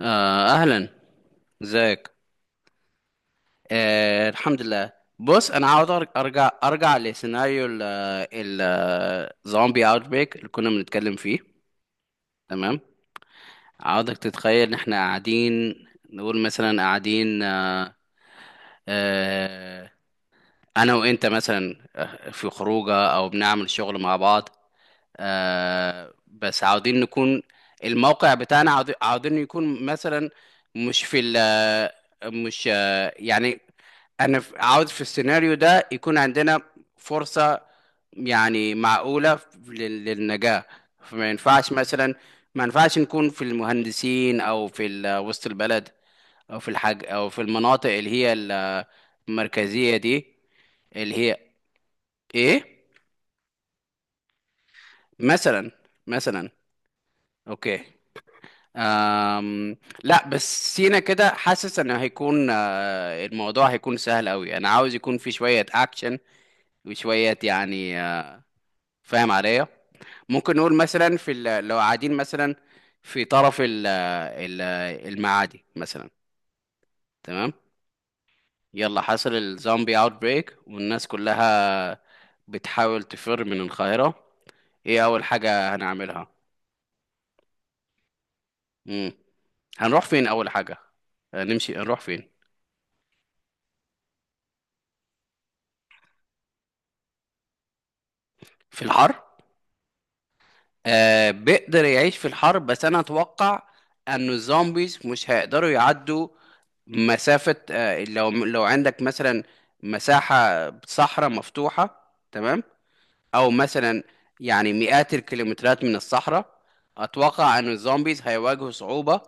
أهلا. ازيك؟ الحمد لله. بص، أنا عاوز أرجع لسيناريو ال- الزومبي أوت بريك اللي كنا بنتكلم فيه. تمام. عاوزك تتخيل إن إحنا قاعدين، نقول مثلا قاعدين. آه أنا وأنت مثلا، في خروجة أو بنعمل شغل مع بعض. بس عاوزين نكون الموقع بتاعنا عاوزين يكون مثلا، مش في مش يعني انا عاوز في السيناريو ده يكون عندنا فرصة يعني معقولة للنجاة. فما ينفعش مثلا، ما ينفعش نكون في المهندسين او في وسط البلد، او في الحاج، او في المناطق اللي هي المركزية دي، اللي هي ايه، مثلا مثلا. اوكي. أم لا، بس سينا كده حاسس ان هيكون الموضوع هيكون سهل قوي، انا عاوز يكون في شوية اكشن وشوية يعني فاهم عليا؟ ممكن نقول مثلا في لو قاعدين مثلا في طرف ال المعادي مثلا. تمام. يلا، حصل الزومبي اوت بريك والناس كلها بتحاول تفر من القاهرة. ايه اول حاجة هنعملها؟ مم. هنروح فين اول حاجة؟ نمشي نروح فين؟ في الحر. بيقدر يعيش في الحر، بس انا اتوقع انه الزومبيز مش هيقدروا يعدوا مسافة. لو عندك مثلا مساحة صحراء مفتوحة. تمام. او مثلا يعني مئات الكيلومترات من الصحراء، اتوقع انه الزومبيز هيواجهوا صعوبة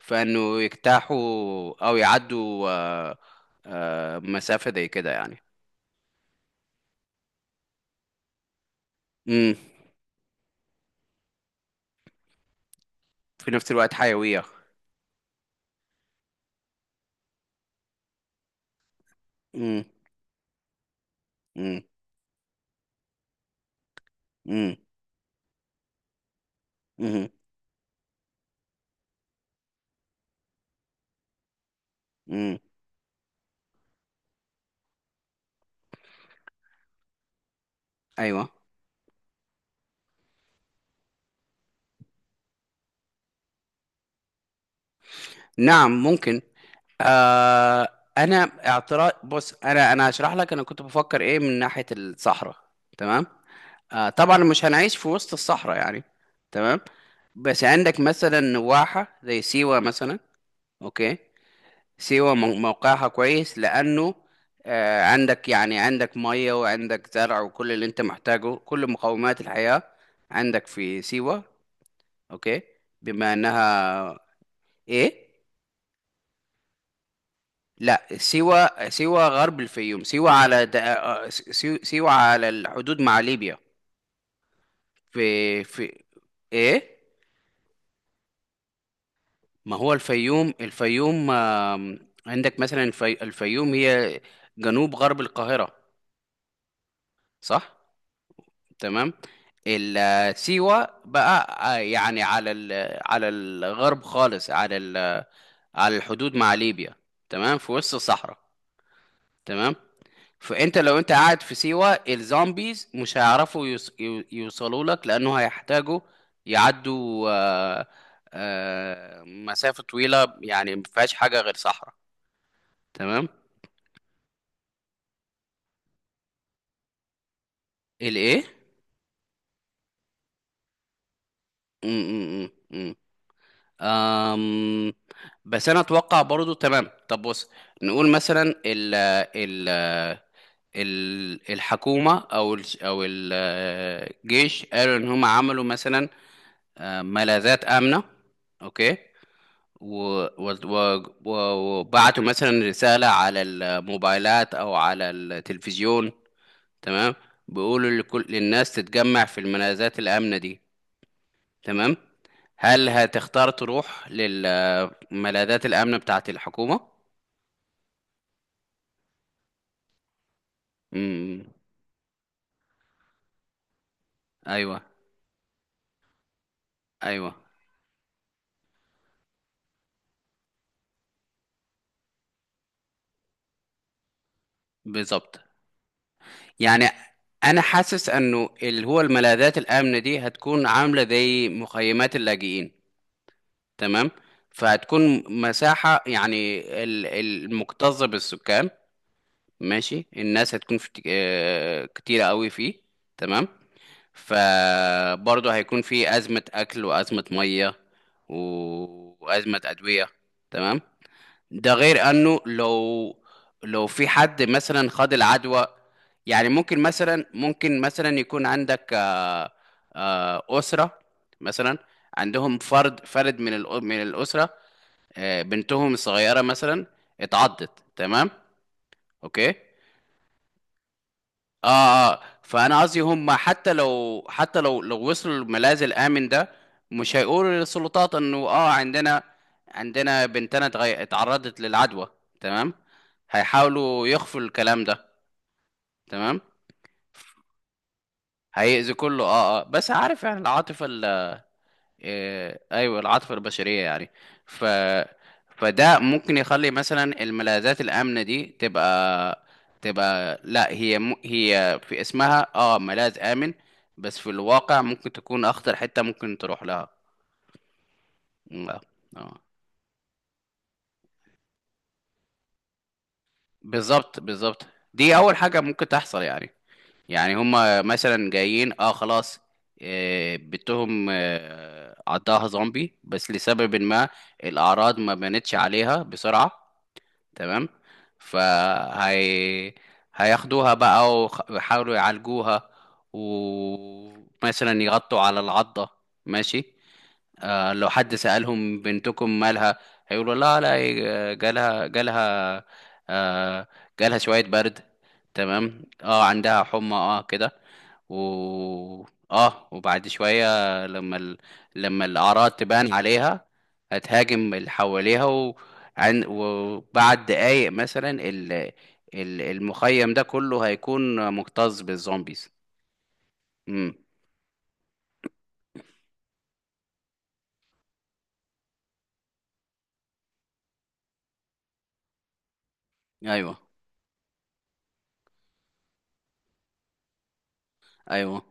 في انه يجتاحوا او يعدوا مسافة زي كده يعني. امم في نفس الوقت حيوية. امم امم امم امم ايوه. نعم، ممكن. آه انا اعتراض، بص انا هشرح لك انا كنت بفكر ايه من ناحية الصحراء. تمام. طبعا مش هنعيش في وسط الصحراء يعني. تمام. بس عندك مثلا نواحة زي سيوة مثلا. اوكي. سيوة موقعها كويس، لانه عندك يعني عندك مية، وعندك زرع، وكل اللي انت محتاجه، كل مقومات الحياة عندك في سيوة. اوكي. بما انها ايه، لا، سيوة غرب الفيوم، سيوة على د... آه، سيو- سيوة على الحدود مع ليبيا. في ايه. ما هو الفيوم عندك مثلا الفيوم هي جنوب غرب القاهرة، صح. تمام. سيوة بقى يعني على على الغرب خالص، على على الحدود مع ليبيا. تمام، في وسط الصحراء. تمام. فانت لو انت قاعد في سيوة، الزومبيز مش هيعرفوا يوصلوا لك، لانه هيحتاجوا يعدوا مسافة طويلة يعني ما فيهاش حاجة غير صحراء. تمام. الايه؟ م- م- م- م. أم... بس انا اتوقع برضو. تمام، طب بص، نقول مثلا ال الحكومة او الجيش قالوا ان هم عملوا مثلا ملاذات آمنة. اوكي. و... و... و... و- وبعتوا مثلا رسالة على الموبايلات أو على التلفزيون. تمام. بيقولوا للناس تتجمع في الملاذات الآمنة دي. تمام. هل هتختار تروح للملاذات الآمنة بتاعة الحكومة؟ امم أيوه أيوه، بالظبط. يعني أنا حاسس إنه اللي هو الملاذات الآمنة دي هتكون عاملة زي مخيمات اللاجئين. تمام. فهتكون مساحة يعني المكتظة بالسكان. ماشي، الناس هتكون في كتيرة قوي فيه. تمام. فبرضه هيكون في أزمة أكل وأزمة مية وأزمة أدوية. تمام. ده غير أنه لو في حد مثلا خد العدوى، يعني ممكن مثلا يكون عندك أسرة مثلا، عندهم فرد من من الأسرة، بنتهم الصغيرة مثلا اتعضت. تمام. اوكي. اه فانا قصدي، هم حتى لو حتى لو وصلوا الملاذ الامن ده، مش هيقولوا للسلطات انه عندنا، بنتنا اتعرضت للعدوى. تمام. هيحاولوا يخفوا الكلام ده. تمام. هيأذي كله، بس عارف يعني العاطفة. إيه، ايوه، العاطفه البشريه يعني. ف فده ممكن يخلي مثلا الملاذات الامنه دي تبقى لا، هي هي في اسمها ملاذ امن، بس في الواقع ممكن تكون اخطر حته ممكن تروح لها. لا. اه، بالظبط بالظبط. دي اول حاجه ممكن تحصل يعني. يعني هما مثلا جايين، خلاص بيتهم، عضها زومبي بس لسبب ما الأعراض ما بانتش عليها بسرعة. تمام. فهي هياخدوها بقى ويحاولوا يعالجوها، ومثلا يغطوا على العضة. ماشي. لو حد سألهم بنتكم مالها، هيقولوا لا لا، آه، جالها جالها آه، جالها شوية برد. تمام، عندها حمى، كده. و اه وبعد شوية، لما ال... لما الأعراض تبان عليها، هتهاجم اللي حواليها وبعد دقايق مثلا، المخيم ده كله هيكون مكتظ بالزومبيز. امم ايوه ايوه.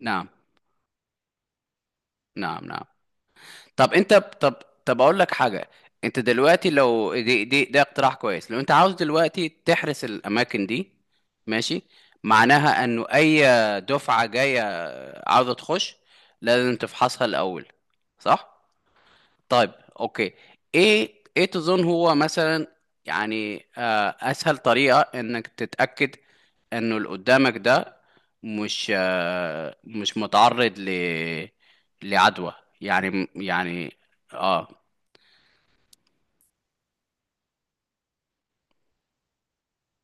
نعم نعم نعم. طب انت طب طب اقول لك حاجه. انت دلوقتي، لو دي دي ده اقتراح كويس، لو انت عاوز دلوقتي تحرس الاماكن دي، ماشي، معناها انه اي دفعه جايه عاوزه تخش، لازم تفحصها الاول. صح؟ طيب. اوكي. ايه تظن هو مثلا يعني اسهل طريقة انك تتأكد انه اللي قدامك ده مش متعرض لعدوى يعني اه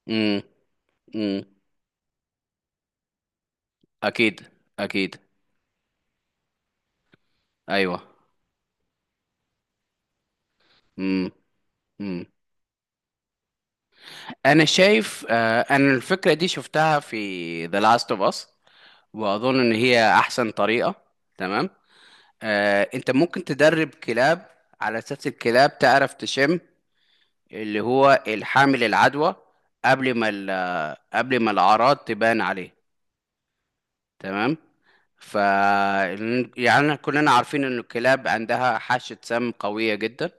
امم امم اكيد اكيد. ايوه. امم امم انا شايف انا الفكرة دي شفتها في The Last of Us، واظن ان هي احسن طريقة. تمام. انت ممكن تدرب كلاب، على اساس الكلاب تعرف تشم اللي هو الحامل العدوى قبل ما الاعراض تبان عليه. تمام. ف يعني كلنا عارفين ان الكلاب عندها حاسة سم قوية جدا.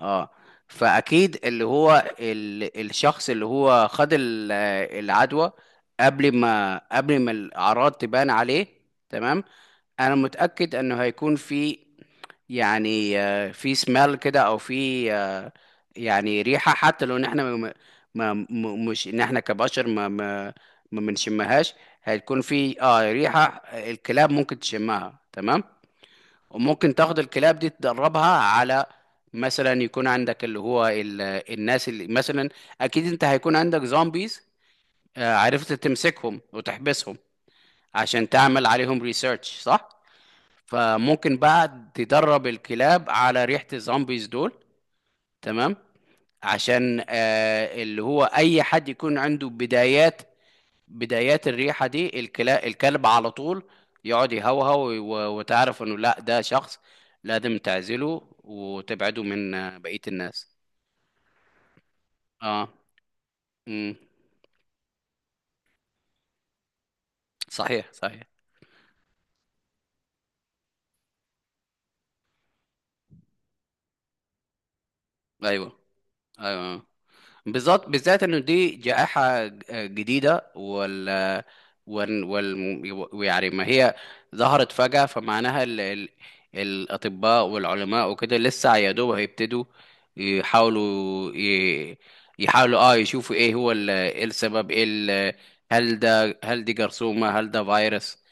اه فاكيد اللي هو الشخص اللي هو خد العدوى، قبل ما الاعراض تبان عليه. تمام. انا متأكد انه هيكون في يعني في سمال كده، او في يعني ريحه، حتى لو ان احنا مش ان احنا كبشر ما بنشمهاش. هتكون في ريحه، الكلاب ممكن تشمها. تمام. وممكن تاخد الكلاب دي تدربها على، مثلا يكون عندك اللي هو الناس اللي مثلا، اكيد انت هيكون عندك زومبيز عرفت تمسكهم وتحبسهم عشان تعمل عليهم ريسيرش. صح. فممكن بقى تدرب الكلاب على ريحة الزومبيز دول. تمام. عشان اللي هو اي حد يكون عنده بدايات بدايات الريحة دي، الكلب على طول يقعد يهوهو، وتعرف انه لا، ده شخص لازم تعزله وتبعده من بقية الناس. اه. امم. صحيح صحيح. ايوه ايوه. بالذات بالذات، انه دي جائحة جديدة، ويعني ما هي ظهرت فجأة، فمعناها الأطباء والعلماء وكده لسه يا دوب هيبتدوا يحاولوا يحاولوا يشوفوا ايه هو ايه السبب، ايه هل دي جرثومة، هل ده فيروس.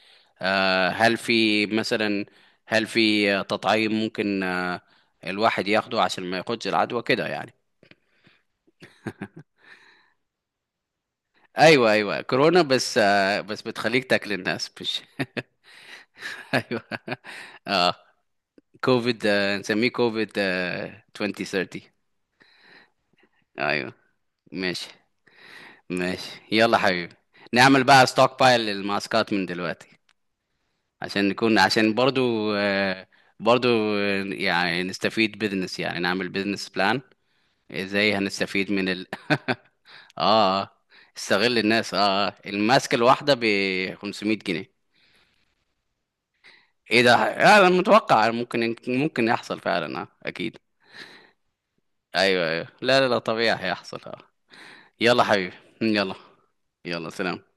هل في مثلا هل في تطعيم ممكن الواحد ياخده عشان ما ياخدش العدوى كده يعني. ايوه ايوه، كورونا، بس بتخليك تاكل الناس مش ايوه. اه كوفيد، نسميه كوفيد 2030. ايوه. ماشي ماشي. يلا حبيبي، نعمل بقى ستوك بايل للماسكات من دلوقتي، عشان نكون، عشان برضو برضو يعني نستفيد بزنس، يعني نعمل بزنس بلان. ازاي هنستفيد من ال اه آه. استغل الناس. الماسكة الواحدة ب 500 جنيه. ايه ده. انا متوقع ممكن يحصل فعلا. اه اكيد. ايوه ايوه. لا لا لا، طبيعي هيحصل. اه يلا حبيبي. يلا. يلا سلام.